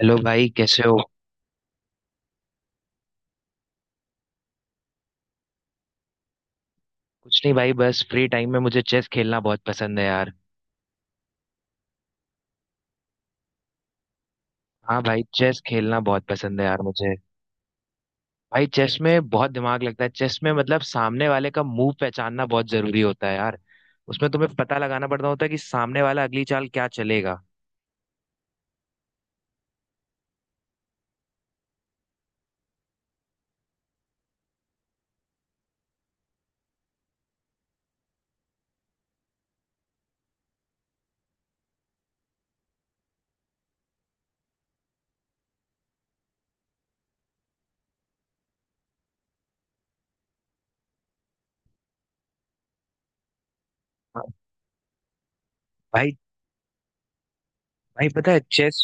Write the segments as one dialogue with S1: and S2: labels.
S1: Hello भाई, कैसे हो। कुछ नहीं भाई, बस फ्री टाइम में मुझे चेस खेलना बहुत पसंद है यार। हाँ भाई, चेस खेलना बहुत पसंद है यार मुझे। भाई चेस में बहुत दिमाग लगता है, चेस में मतलब सामने वाले का मूव पहचानना बहुत जरूरी होता है यार। उसमें तुम्हें पता लगाना पड़ता होता है कि सामने वाला अगली चाल क्या चलेगा। हाँ, भाई। भाई पता है चेस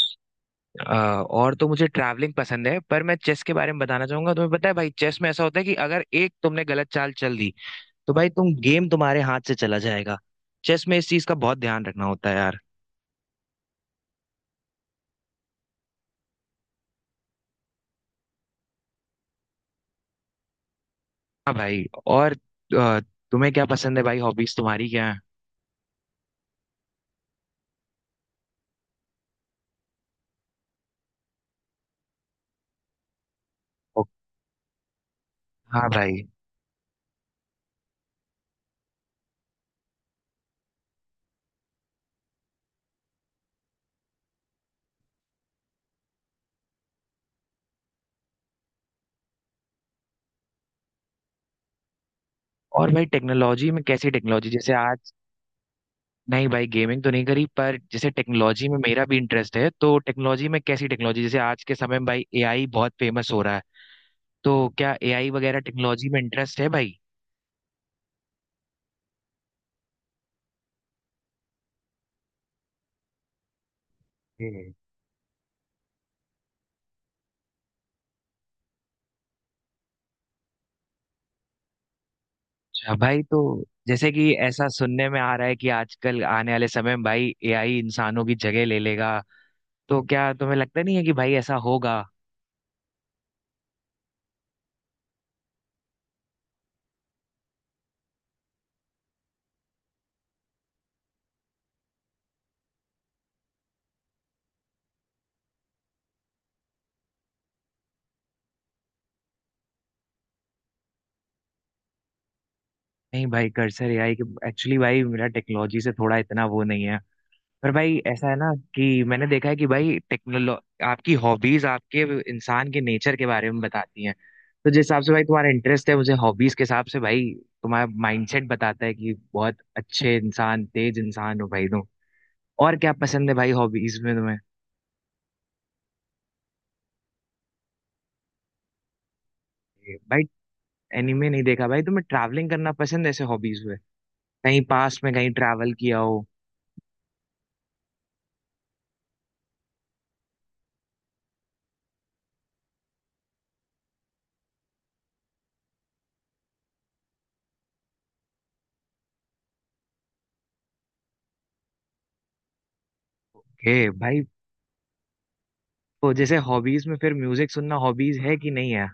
S1: और तो मुझे ट्रैवलिंग पसंद है, पर मैं चेस के बारे में बताना चाहूंगा। तुम्हें पता है भाई, चेस में ऐसा होता है कि अगर एक तुमने गलत चाल चल दी, तो भाई तुम गेम तुम्हारे हाथ से चला जाएगा। चेस में इस चीज का बहुत ध्यान रखना होता है यार। हाँ भाई। और अ, तुम्हें क्या पसंद है भाई, हॉबीज तुम्हारी क्या है? ओ। हाँ भाई। और भाई टेक्नोलॉजी में कैसी टेक्नोलॉजी जैसे आज नहीं भाई, गेमिंग तो नहीं करी, पर जैसे टेक्नोलॉजी में मेरा भी इंटरेस्ट है। तो टेक्नोलॉजी में कैसी टेक्नोलॉजी, जैसे आज के समय में भाई एआई बहुत फेमस हो रहा है। तो क्या एआई वगैरह टेक्नोलॉजी में इंटरेस्ट है भाई? हम्म। अच्छा भाई। तो जैसे कि ऐसा सुनने में आ रहा है कि आजकल आने वाले समय में भाई एआई इंसानों की जगह ले लेगा। तो क्या तुम्हें लगता नहीं है कि भाई ऐसा होगा? नहीं भाई, कर्सर एआई के, एक्चुअली भाई मेरा टेक्नोलॉजी से थोड़ा इतना वो नहीं है। पर भाई ऐसा है ना कि मैंने देखा है कि भाई टेक्नोलॉ आपकी हॉबीज आपके इंसान के नेचर के बारे में बताती हैं। तो जिस हिसाब से भाई तुम्हारा इंटरेस्ट है, मुझे हॉबीज के हिसाब से भाई तुम्हारा माइंडसेट बताता है कि बहुत अच्छे इंसान, तेज इंसान हो भाई तुम। और क्या पसंद है भाई हॉबीज में तुम्हें? ये भाई एनिमे नहीं देखा भाई। तुम्हें ट्रैवलिंग करना पसंद है ऐसे हॉबीज में? कहीं पास्ट में कहीं ट्रैवल किया हो? ओके भाई। तो जैसे हॉबीज में फिर म्यूजिक सुनना हॉबीज है कि नहीं है?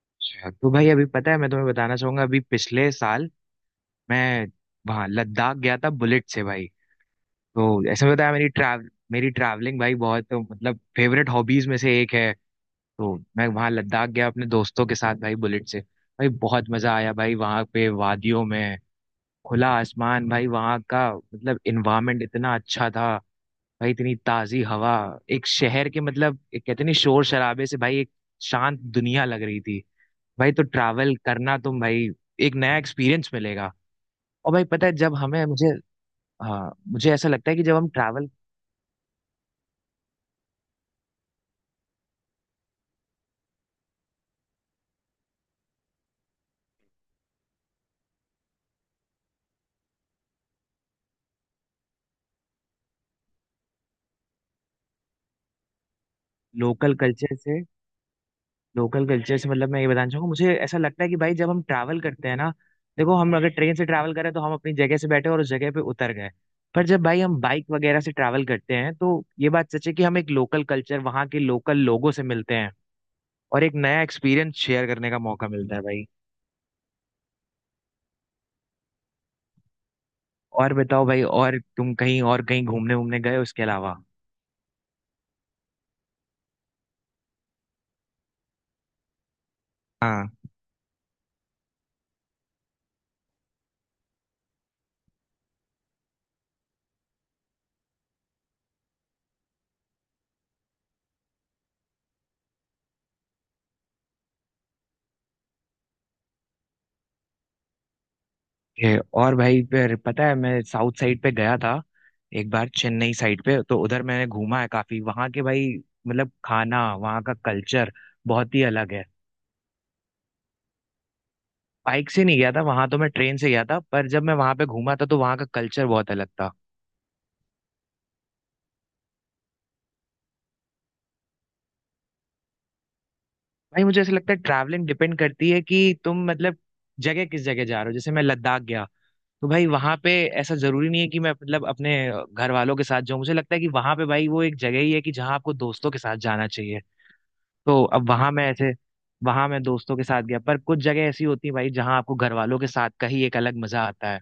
S1: अच्छा। तो भाई, अभी पता है मैं तुम्हें बताना चाहूंगा, अभी पिछले साल मैं वहाँ लद्दाख गया था बुलेट से भाई। तो ऐसे में बताया, मेरी ट्रैवलिंग भाई बहुत मतलब फेवरेट हॉबीज में से एक है। तो मैं वहाँ लद्दाख गया अपने दोस्तों के साथ भाई बुलेट से भाई, बहुत मजा आया भाई वहाँ पे वादियों में। खुला आसमान, भाई वहाँ का मतलब इन्वायरमेंट इतना अच्छा था भाई, इतनी ताजी हवा। एक शहर के मतलब एक कहते नहीं, शोर शराबे से भाई एक शांत दुनिया लग रही थी। भाई तो ट्रैवल करना तुम भाई, एक नया एक्सपीरियंस मिलेगा। और भाई पता है जब हमें मुझे हाँ मुझे ऐसा लगता है कि जब हम ट्रैवल लोकल कल्चर से लोकल कल्चर से मतलब मैं ये बताना चाहूंगा, मुझे ऐसा लगता है कि भाई जब हम ट्रैवल करते हैं ना, देखो हम अगर ट्रेन से ट्रैवल करें तो हम अपनी जगह से बैठे और उस जगह पे उतर गए। पर जब भाई हम बाइक वगैरह से ट्रैवल करते हैं तो ये बात सच है कि हम एक लोकल कल्चर, वहाँ के लोकल लोगों से मिलते हैं। और एक नया एक्सपीरियंस शेयर करने का मौका मिलता है भाई। और बताओ भाई, और तुम कहीं और कहीं घूमने घूमने गए उसके अलावा? हाँ। ये और भाई फिर पता है, मैं साउथ साइड पे गया था एक बार, चेन्नई साइड पे। तो उधर मैंने घूमा है काफी, वहां के भाई मतलब खाना, वहां का कल्चर बहुत ही अलग है। बाइक से नहीं गया था वहां, तो मैं ट्रेन से गया था, पर जब मैं वहां पे घूमा था तो वहां का कल्चर बहुत अलग था। भाई मुझे ऐसा लगता है ट्रैवलिंग डिपेंड करती है कि तुम मतलब जगह किस जगह जा रहे हो। जैसे मैं लद्दाख गया तो भाई वहां पे, ऐसा जरूरी नहीं है कि मैं मतलब अपने घर वालों के साथ जाऊं। मुझे लगता है कि वहां पे भाई वो एक जगह ही है कि जहां आपको दोस्तों के साथ जाना चाहिए। तो अब वहां मैं ऐसे वहां मैं दोस्तों के साथ गया, पर कुछ जगह ऐसी होती है भाई जहां आपको घर वालों के साथ का ही एक अलग मजा आता है।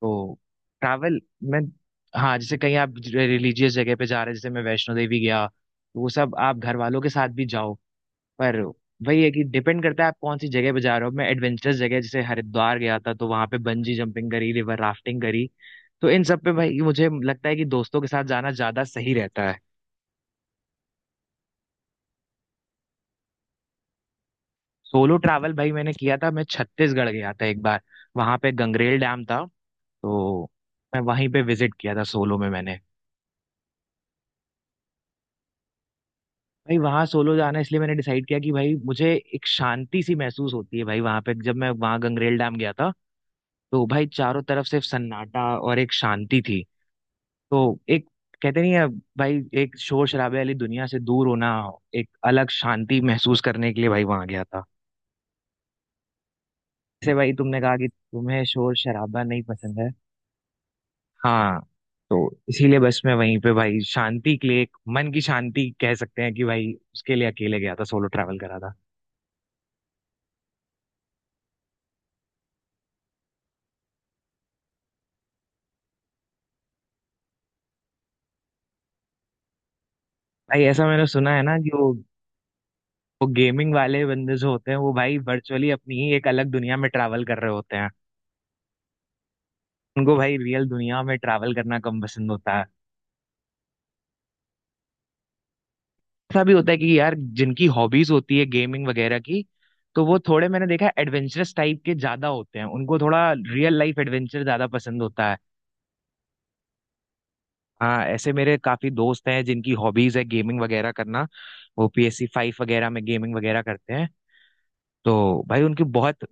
S1: तो ट्रैवल मैं हाँ जैसे कहीं आप रिलीजियस जगह पे जा रहे हैं, जैसे मैं वैष्णो देवी गया, तो वो सब आप घर वालों के साथ भी जाओ। पर वही है कि डिपेंड करता है आप कौन सी जगह पे जा रहे हो। मैं एडवेंचरस जगह जैसे हरिद्वार गया था, तो वहां पे बंजी जंपिंग करी, रिवर राफ्टिंग करी। तो इन सब पे भाई मुझे लगता है कि दोस्तों के साथ जाना ज्यादा सही रहता है। सोलो ट्रैवल भाई मैंने किया था, मैं छत्तीसगढ़ गया था एक बार। वहां पे गंगरेल डैम था। तो मैं वहीं पे विजिट किया था सोलो में मैंने। भाई वहां सोलो जाना इसलिए मैंने डिसाइड किया कि भाई मुझे एक शांति सी महसूस होती है, भाई वहां पे, जब मैं वहां गंगरेल डैम गया था तो भाई चारों तरफ सिर्फ सन्नाटा और एक शांति थी। तो एक कहते नहीं है भाई, एक शोर शराबे वाली दुनिया से दूर होना, एक अलग शांति महसूस करने के लिए भाई वहां गया था। जैसे भाई तुमने कहा कि तुम्हें शोर शराबा नहीं पसंद है। हाँ। तो इसीलिए बस मैं वहीं पे भाई शांति के लिए, एक मन की शांति कह सकते हैं कि भाई, उसके लिए अकेले गया था, सोलो ट्रैवल करा था। भाई ऐसा मैंने सुना है ना, कि वो गेमिंग वाले बंदे जो होते हैं वो भाई वर्चुअली अपनी ही एक अलग दुनिया में ट्रैवल कर रहे होते हैं। उनको भाई रियल दुनिया में ट्रैवल करना कम पसंद होता है। ऐसा भी होता है कि यार जिनकी हॉबीज होती है गेमिंग वगैरह की, तो वो थोड़े मैंने देखा एडवेंचरस टाइप के ज्यादा होते हैं, उनको थोड़ा रियल लाइफ एडवेंचर ज्यादा पसंद होता है। हाँ, ऐसे मेरे काफी दोस्त हैं जिनकी हॉबीज है गेमिंग वगैरह करना। वो पीएससी फाइव वगैरह में गेमिंग वगैरह करते हैं। तो भाई उनकी बहुत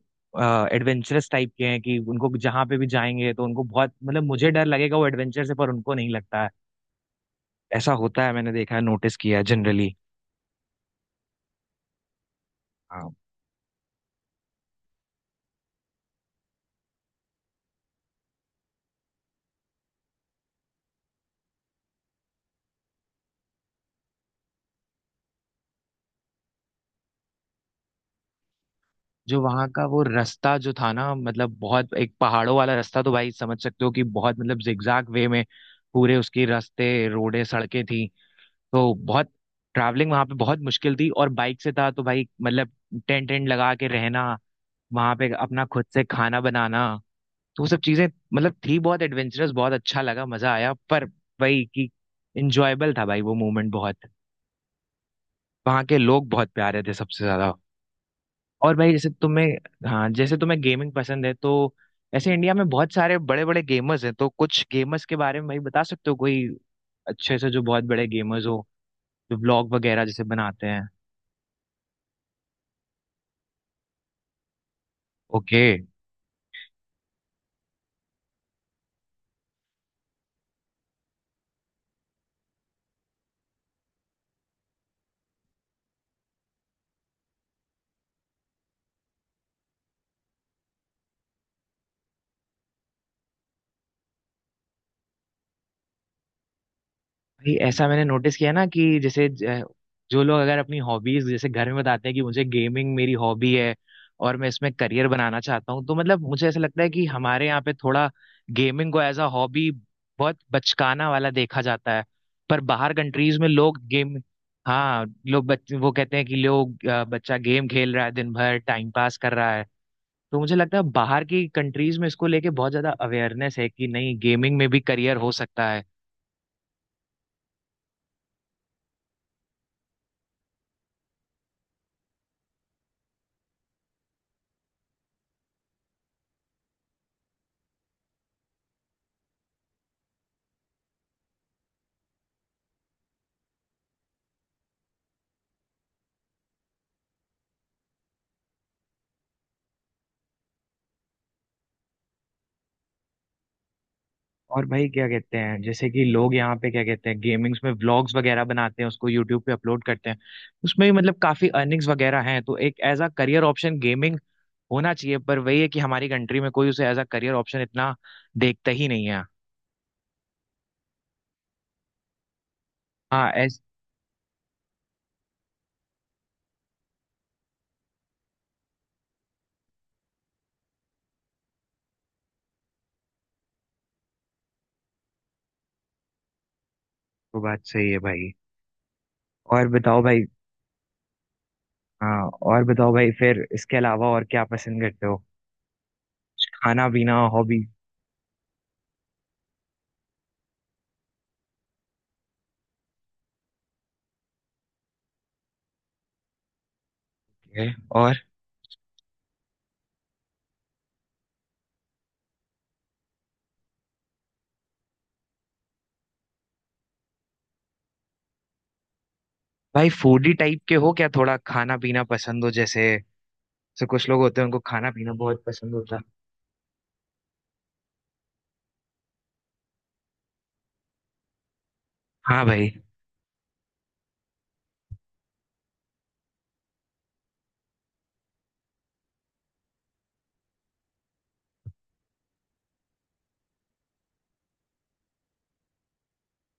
S1: एडवेंचरस टाइप के हैं कि उनको जहां पे भी जाएंगे तो उनको बहुत मतलब, मुझे डर लगेगा वो एडवेंचर से पर उनको नहीं लगता है। ऐसा होता है, मैंने देखा है, नोटिस किया है जनरली। हाँ। जो वहां का वो रास्ता जो था ना, मतलब बहुत एक पहाड़ों वाला रास्ता, तो भाई समझ सकते हो कि बहुत मतलब जिगजैग वे में पूरे उसकी रास्ते रोडे सड़कें थी। तो बहुत, ट्रैवलिंग वहां पे बहुत मुश्किल थी। और बाइक से था, तो भाई मतलब टेंट टेंट लगा के रहना, वहां पे अपना खुद से खाना बनाना, तो वो सब चीजें मतलब थी बहुत एडवेंचरस, बहुत अच्छा लगा, मजा आया, पर भाई कि इंजॉयबल था भाई वो मोमेंट बहुत। वहां के लोग बहुत प्यारे थे सबसे ज्यादा। और भाई जैसे तुम्हें हाँ, जैसे तुम्हें गेमिंग पसंद है, तो ऐसे इंडिया में बहुत सारे बड़े बड़े गेमर्स हैं, तो कुछ गेमर्स के बारे में भाई बता सकते हो कोई अच्छे से, जो बहुत बड़े गेमर्स हो, जो व्लॉग वगैरह जैसे बनाते हैं? ओके भाई। ऐसा मैंने नोटिस किया ना कि जैसे जो लोग, अगर अपनी हॉबीज जैसे घर में बताते हैं कि मुझे गेमिंग मेरी हॉबी है और मैं इसमें करियर बनाना चाहता हूँ, तो मतलब मुझे ऐसा लगता है कि हमारे यहाँ पे थोड़ा गेमिंग को एज अ हॉबी बहुत बचकाना वाला देखा जाता है। पर बाहर कंट्रीज में लोग गेम, हाँ, लोग वो कहते हैं कि लोग बच्चा गेम खेल रहा है दिन भर टाइम पास कर रहा है। तो मुझे लगता है बाहर की कंट्रीज में इसको लेके बहुत ज्यादा अवेयरनेस है कि नहीं, गेमिंग में भी करियर हो सकता है। और भाई क्या कहते हैं, जैसे कि लोग यहाँ पे क्या कहते हैं, गेमिंग्स में व्लॉग्स वगैरह बनाते हैं, उसको यूट्यूब पे अपलोड करते हैं, उसमें भी मतलब काफी अर्निंग्स वगैरह हैं। तो एक as a career option gaming होना चाहिए, पर वही है कि हमारी कंट्री में कोई उसे एज अ करियर ऑप्शन इतना देखता ही नहीं है। हाँ। ऐस तो बात सही है भाई। और बताओ भाई। हाँ। और बताओ भाई, फिर इसके अलावा और क्या पसंद करते हो, खाना पीना हॉबी है? और भाई फूडी टाइप के हो क्या, थोड़ा खाना पीना पसंद हो, जैसे, जैसे कुछ लोग होते हैं उनको खाना पीना बहुत पसंद होता है? हाँ भाई।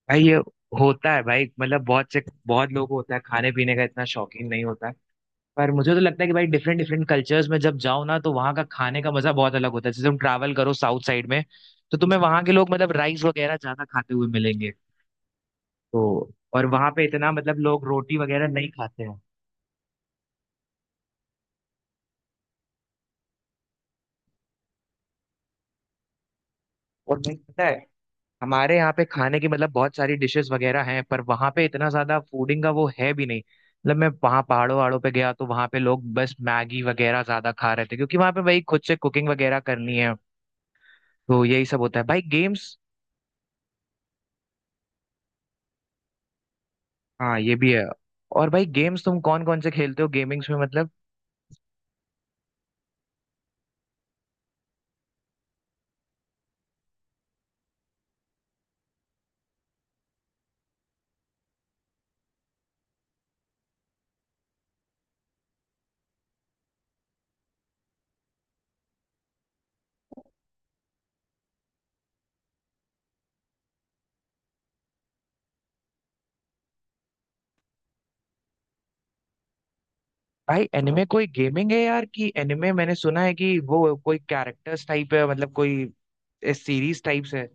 S1: भाई ये होता है भाई, मतलब बहुत से बहुत लोग होता है, खाने पीने का इतना शौकीन नहीं होता है। पर मुझे तो लगता है कि भाई डिफरेंट डिफरेंट कल्चर्स में जब जाओ ना, तो वहाँ का खाने का मजा बहुत अलग होता है। जैसे तुम ट्रैवल करो साउथ साइड में, तो तुम्हें वहाँ के लोग मतलब राइस वगैरह ज्यादा खाते हुए मिलेंगे, तो, और वहाँ पे इतना मतलब लोग रोटी वगैरह नहीं खाते हैं। और भाई पता है, हमारे यहाँ पे खाने की मतलब बहुत सारी डिशेस वगैरह हैं, पर वहाँ पे इतना ज्यादा फूडिंग का वो है भी नहीं, मतलब मैं वहाँ पहाड़ों वहाड़ों पे गया तो वहाँ पे लोग बस मैगी वगैरह ज्यादा खा रहे थे, क्योंकि वहाँ पे भाई खुद से कुकिंग वगैरह करनी है। तो यही सब होता है भाई गेम्स। हाँ, ये भी है। और भाई गेम्स तुम कौन कौन से खेलते हो गेमिंग्स में मतलब? भाई एनिमे कोई गेमिंग है यार, कि एनिमे मैंने सुना है कि वो कोई कैरेक्टर्स टाइप है, मतलब कोई सीरीज टाइप्स है?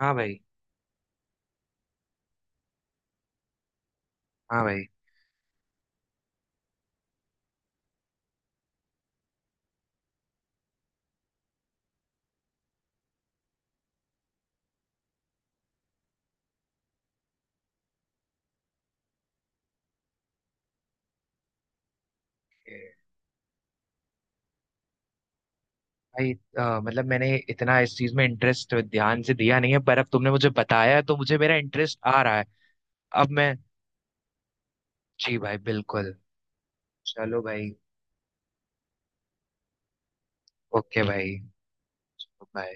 S1: हाँ भाई। हाँ भाई। भाई मतलब मैंने इतना इस चीज में इंटरेस्ट ध्यान से दिया नहीं है, पर अब तुमने मुझे बताया है, तो मुझे मेरा इंटरेस्ट आ रहा है। अब मैं जी भाई बिल्कुल। चलो भाई। ओके भाई। बाय।